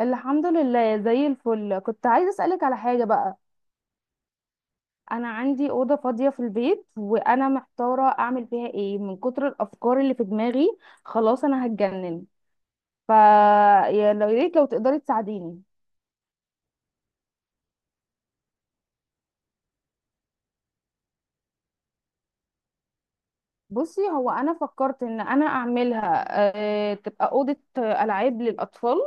الحمد لله زي الفل. كنت عايزة أسألك على حاجة بقى. أنا عندي أوضة فاضية في البيت وأنا محتارة أعمل فيها إيه من كتر الأفكار اللي في دماغي. خلاص أنا هتجنن. فا يا ريت لو تقدري تساعديني. بصي هو انا فكرت ان انا اعملها. تبقى اوضه العاب للاطفال.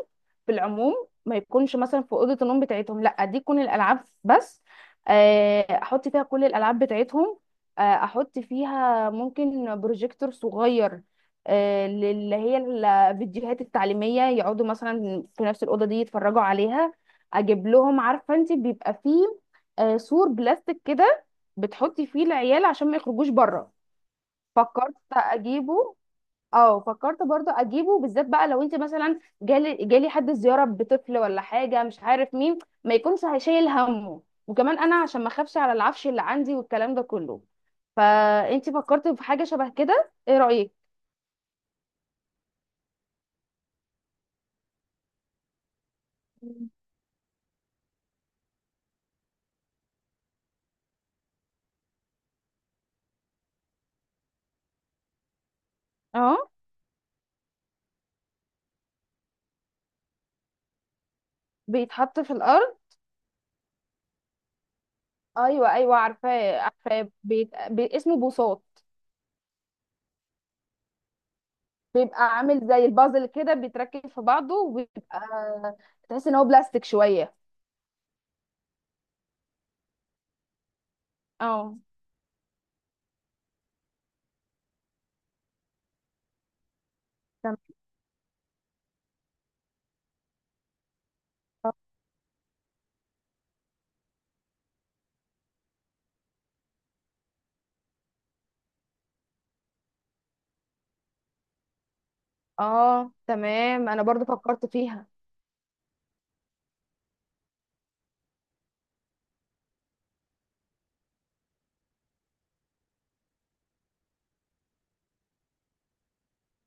في العموم ما يكونش مثلا في اوضه النوم بتاعتهم، لا دي تكون الالعاب بس. احط فيها كل الالعاب بتاعتهم. احط فيها ممكن بروجيكتور صغير، للي هي الفيديوهات التعليميه، يقعدوا مثلا في نفس الاوضه دي يتفرجوا عليها. اجيب لهم، عارفه انت بيبقى فيه سور بلاستيك كده بتحطي فيه العيال عشان ما يخرجوش بره. فكرت اجيبه. اه فكرت برضو اجيبه، بالذات بقى لو انت مثلا جالي حد زياره بطفل ولا حاجه، مش عارف مين، ما يكونش هيشيل همه. وكمان انا عشان ما اخافش على العفش اللي عندي والكلام ده كله. فانت فكرت في حاجه شبه كده، ايه رايك؟ مم. اه. بيتحط في الارض. ايوه ايوه، عارفاه عارفاه، اسمه بوصات. بيبقى عامل زي البازل كده، بيتركب في بعضه وبيبقى تحس ان هو بلاستيك شويه. اه تمام، اه تمام، انا برضو فكرت فيها.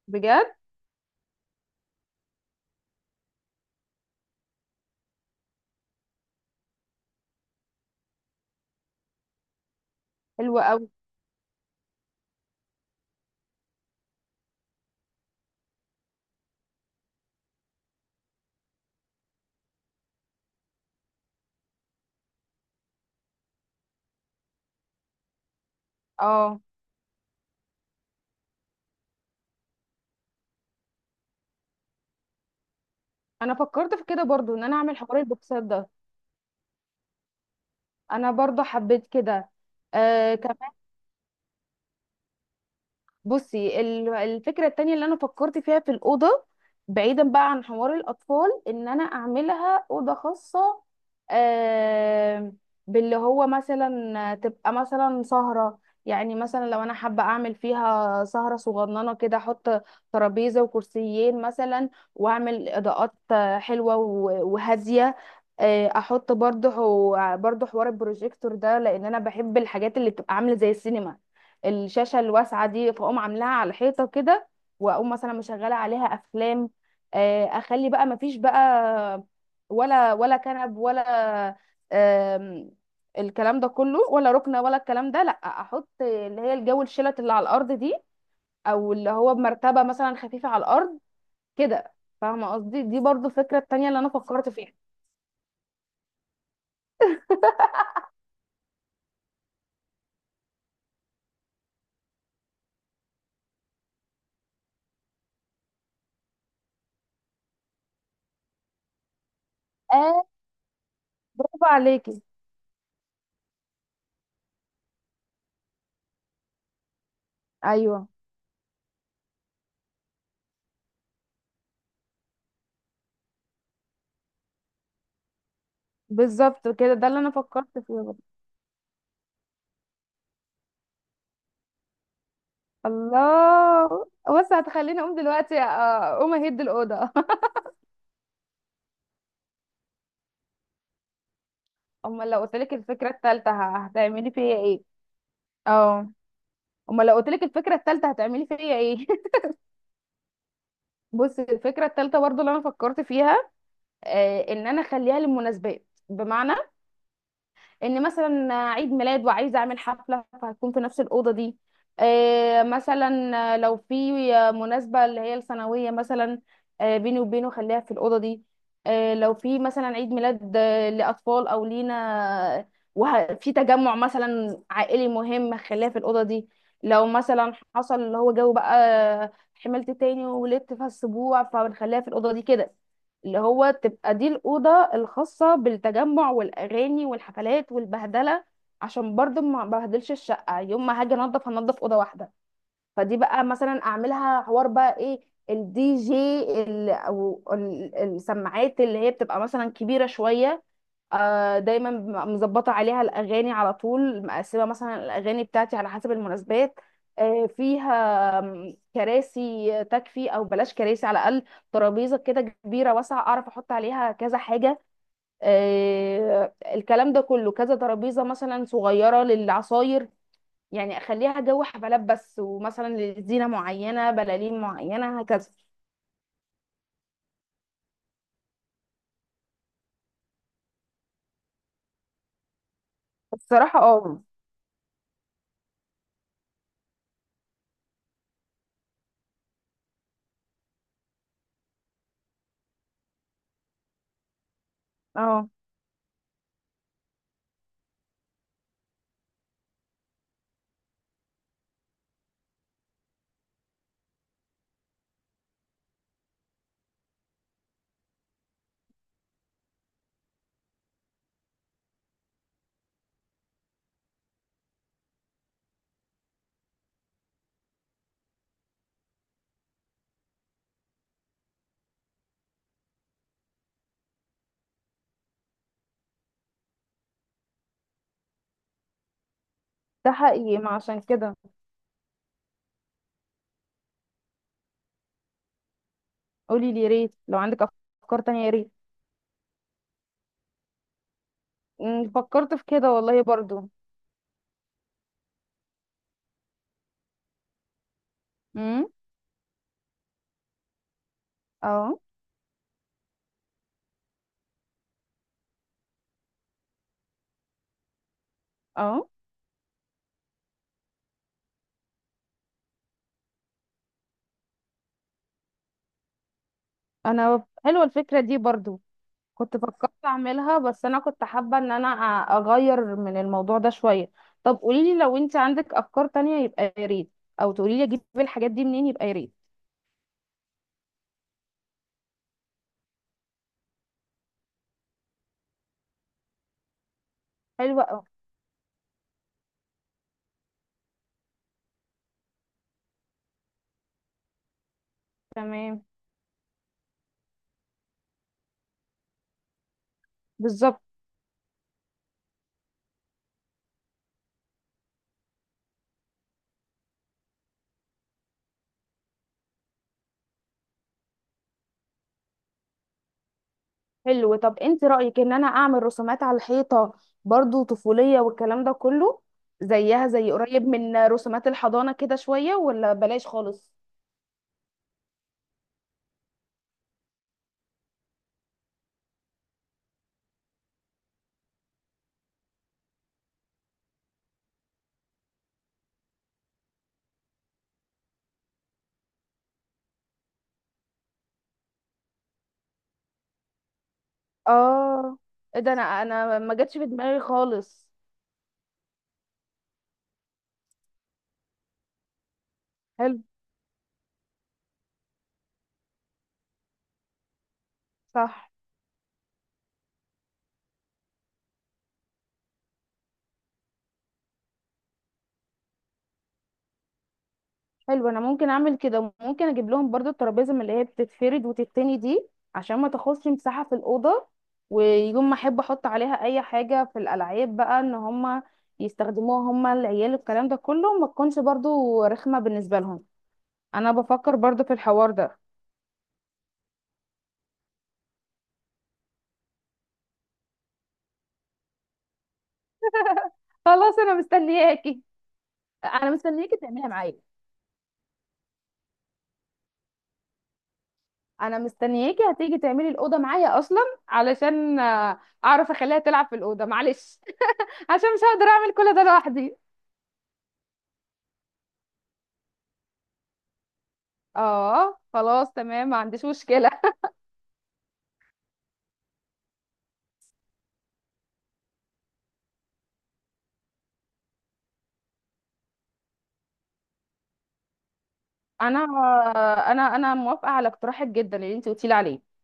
بجد. حلوة قوي. اه. انا فكرت في كده برضو، ان انا اعمل حوار البوكسات ده. انا برضو حبيت كده. آه، بصي الفكرة التانية اللي أنا فكرت فيها في الأوضة، بعيدا بقى عن حوار الأطفال، إن أنا أعملها أوضة خاصة. آه، باللي هو مثلا تبقى مثلا سهرة. يعني مثلا لو أنا حابة أعمل فيها سهرة صغننة كده، أحط ترابيزة وكرسيين مثلا، وأعمل إضاءات حلوة وهادية. احط برضه حوار البروجيكتور ده، لان انا بحب الحاجات اللي بتبقى عامله زي السينما، الشاشه الواسعه دي، فاقوم عاملاها على حيطه كده، واقوم مثلا مشغله عليها افلام. اخلي بقى مفيش بقى ولا كنب ولا آم، الكلام ده كله، ولا ركنه ولا الكلام ده، لا احط اللي هي الجو الشلت اللي على الارض دي، او اللي هو بمرتبه مثلا خفيفه على الارض كده. فاهمه قصدي؟ دي برضو الفكره التانية اللي انا فكرت فيها. اه. برافو عليكي. ايوه، بالظبط كده، ده اللي انا فكرت فيه. الله. بص هتخليني اقوم دلوقتي اقوم اهد الاوضه. امال لو قلت لك الفكره الثالثه هتعملي فيا ايه؟ اه. امال لو قلت لك الفكره الثالثه هتعملي فيا ايه؟ بص الفكره الثالثه برضو اللي انا فكرت فيها، ان انا اخليها للمناسبات، بمعنى ان مثلا عيد ميلاد وعايزه اعمل حفله فهتكون في نفس الاوضه دي. مثلا لو في مناسبه اللي هي السنويه مثلا، بيني وبينه، خليها في الاوضه دي. لو في مثلا عيد ميلاد لاطفال او لينا وفي تجمع مثلا عائلي مهم، خليها في الاوضه دي. لو مثلا حصل اللي هو جو بقى، حملت تاني وولدت فالسبوع، فبنخليها في الاوضه دي كده. اللي هو تبقى دي الأوضة الخاصة بالتجمع والأغاني والحفلات والبهدلة، عشان برضه ما بهدلش الشقة، يوم ما هاجي انضف هنضف أوضة واحدة. فدي بقى مثلا أعملها حوار بقى إيه، الدي جي، السماعات اللي هي بتبقى مثلا كبيرة شوية، دايما مظبطه عليها الاغاني على طول، مقسمه مثلا الاغاني بتاعتي على حسب المناسبات. فيها كراسي تكفي، او بلاش كراسي على الاقل، ترابيزه كده كبيره واسعه اعرف احط عليها كذا حاجه، الكلام ده كله، كذا ترابيزه مثلا صغيره للعصاير. يعني اخليها جو حفلات بس، ومثلا لزينه معينه، بلالين معينه، هكذا. الصراحه اه. اه. ده حقيقي ما عشان كده. قولي لي يا ريت لو عندك افكار تانية، يا ريت. فكرت في كده والله برضو. امم اه اه، انا حلوه الفكره دي برضو، كنت فكرت اعملها، بس انا كنت حابه ان انا اغير من الموضوع ده شويه. طب قولي لي لو انت عندك افكار تانية يبقى يا ريت، او تقولي لي اجيب الحاجات دي منين يبقى يا ريت. حلوه اه. تمام. بالظبط. حلو، طب انت رايك ان انا اعمل رسومات على الحيطه، برضو طفوليه والكلام ده كله، زيها زي قريب من رسومات الحضانه كده شويه، ولا بلاش خالص؟ اه. ايه ده، انا ما جاتش في دماغي خالص. حلو. صح. حلو، انا ممكن اعمل كده. ممكن اجيب لهم برضو الترابيزه من اللي هي بتتفرد وتتني دي، عشان ما تاخدش مساحه في الاوضه، ويوم ما احب احط عليها اي حاجه في الالعاب بقى، ان هم يستخدموها هم العيال، الكلام ده كله ما تكونش برضو رخمه بالنسبه لهم. انا بفكر برضو في الحوار ده. خلاص انا مستنياكي. انا مستنياكي تعمليها معايا. انا مستنياكي هتيجي تعملي الاوضه معايا اصلا، علشان اعرف اخليها تلعب في الاوضه، معلش. عشان مش هقدر اعمل كل ده لوحدي. اه خلاص تمام، ما عنديش مشكله. انا آه، انا انا موافقه على اقتراحك جدا اللي انت قلتي لي عليه.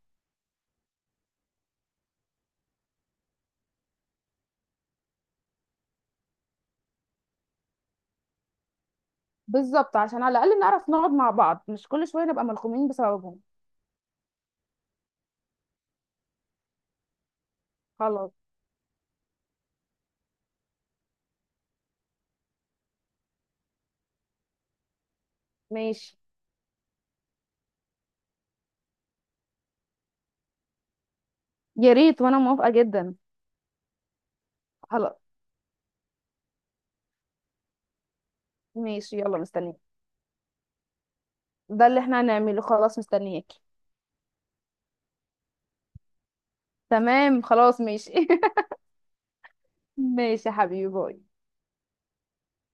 بالظبط، عشان على الاقل نعرف نقعد مع بعض، مش كل شويه نبقى ملخومين بسببهم. خلاص. ماشي. يا ريت، وانا موافقه جدا. خلاص. ماشي، يلا مستنياكي. ده اللي احنا هنعمله، خلاص مستنياكي. تمام، خلاص ماشي. ماشي يا حبيبي، باي.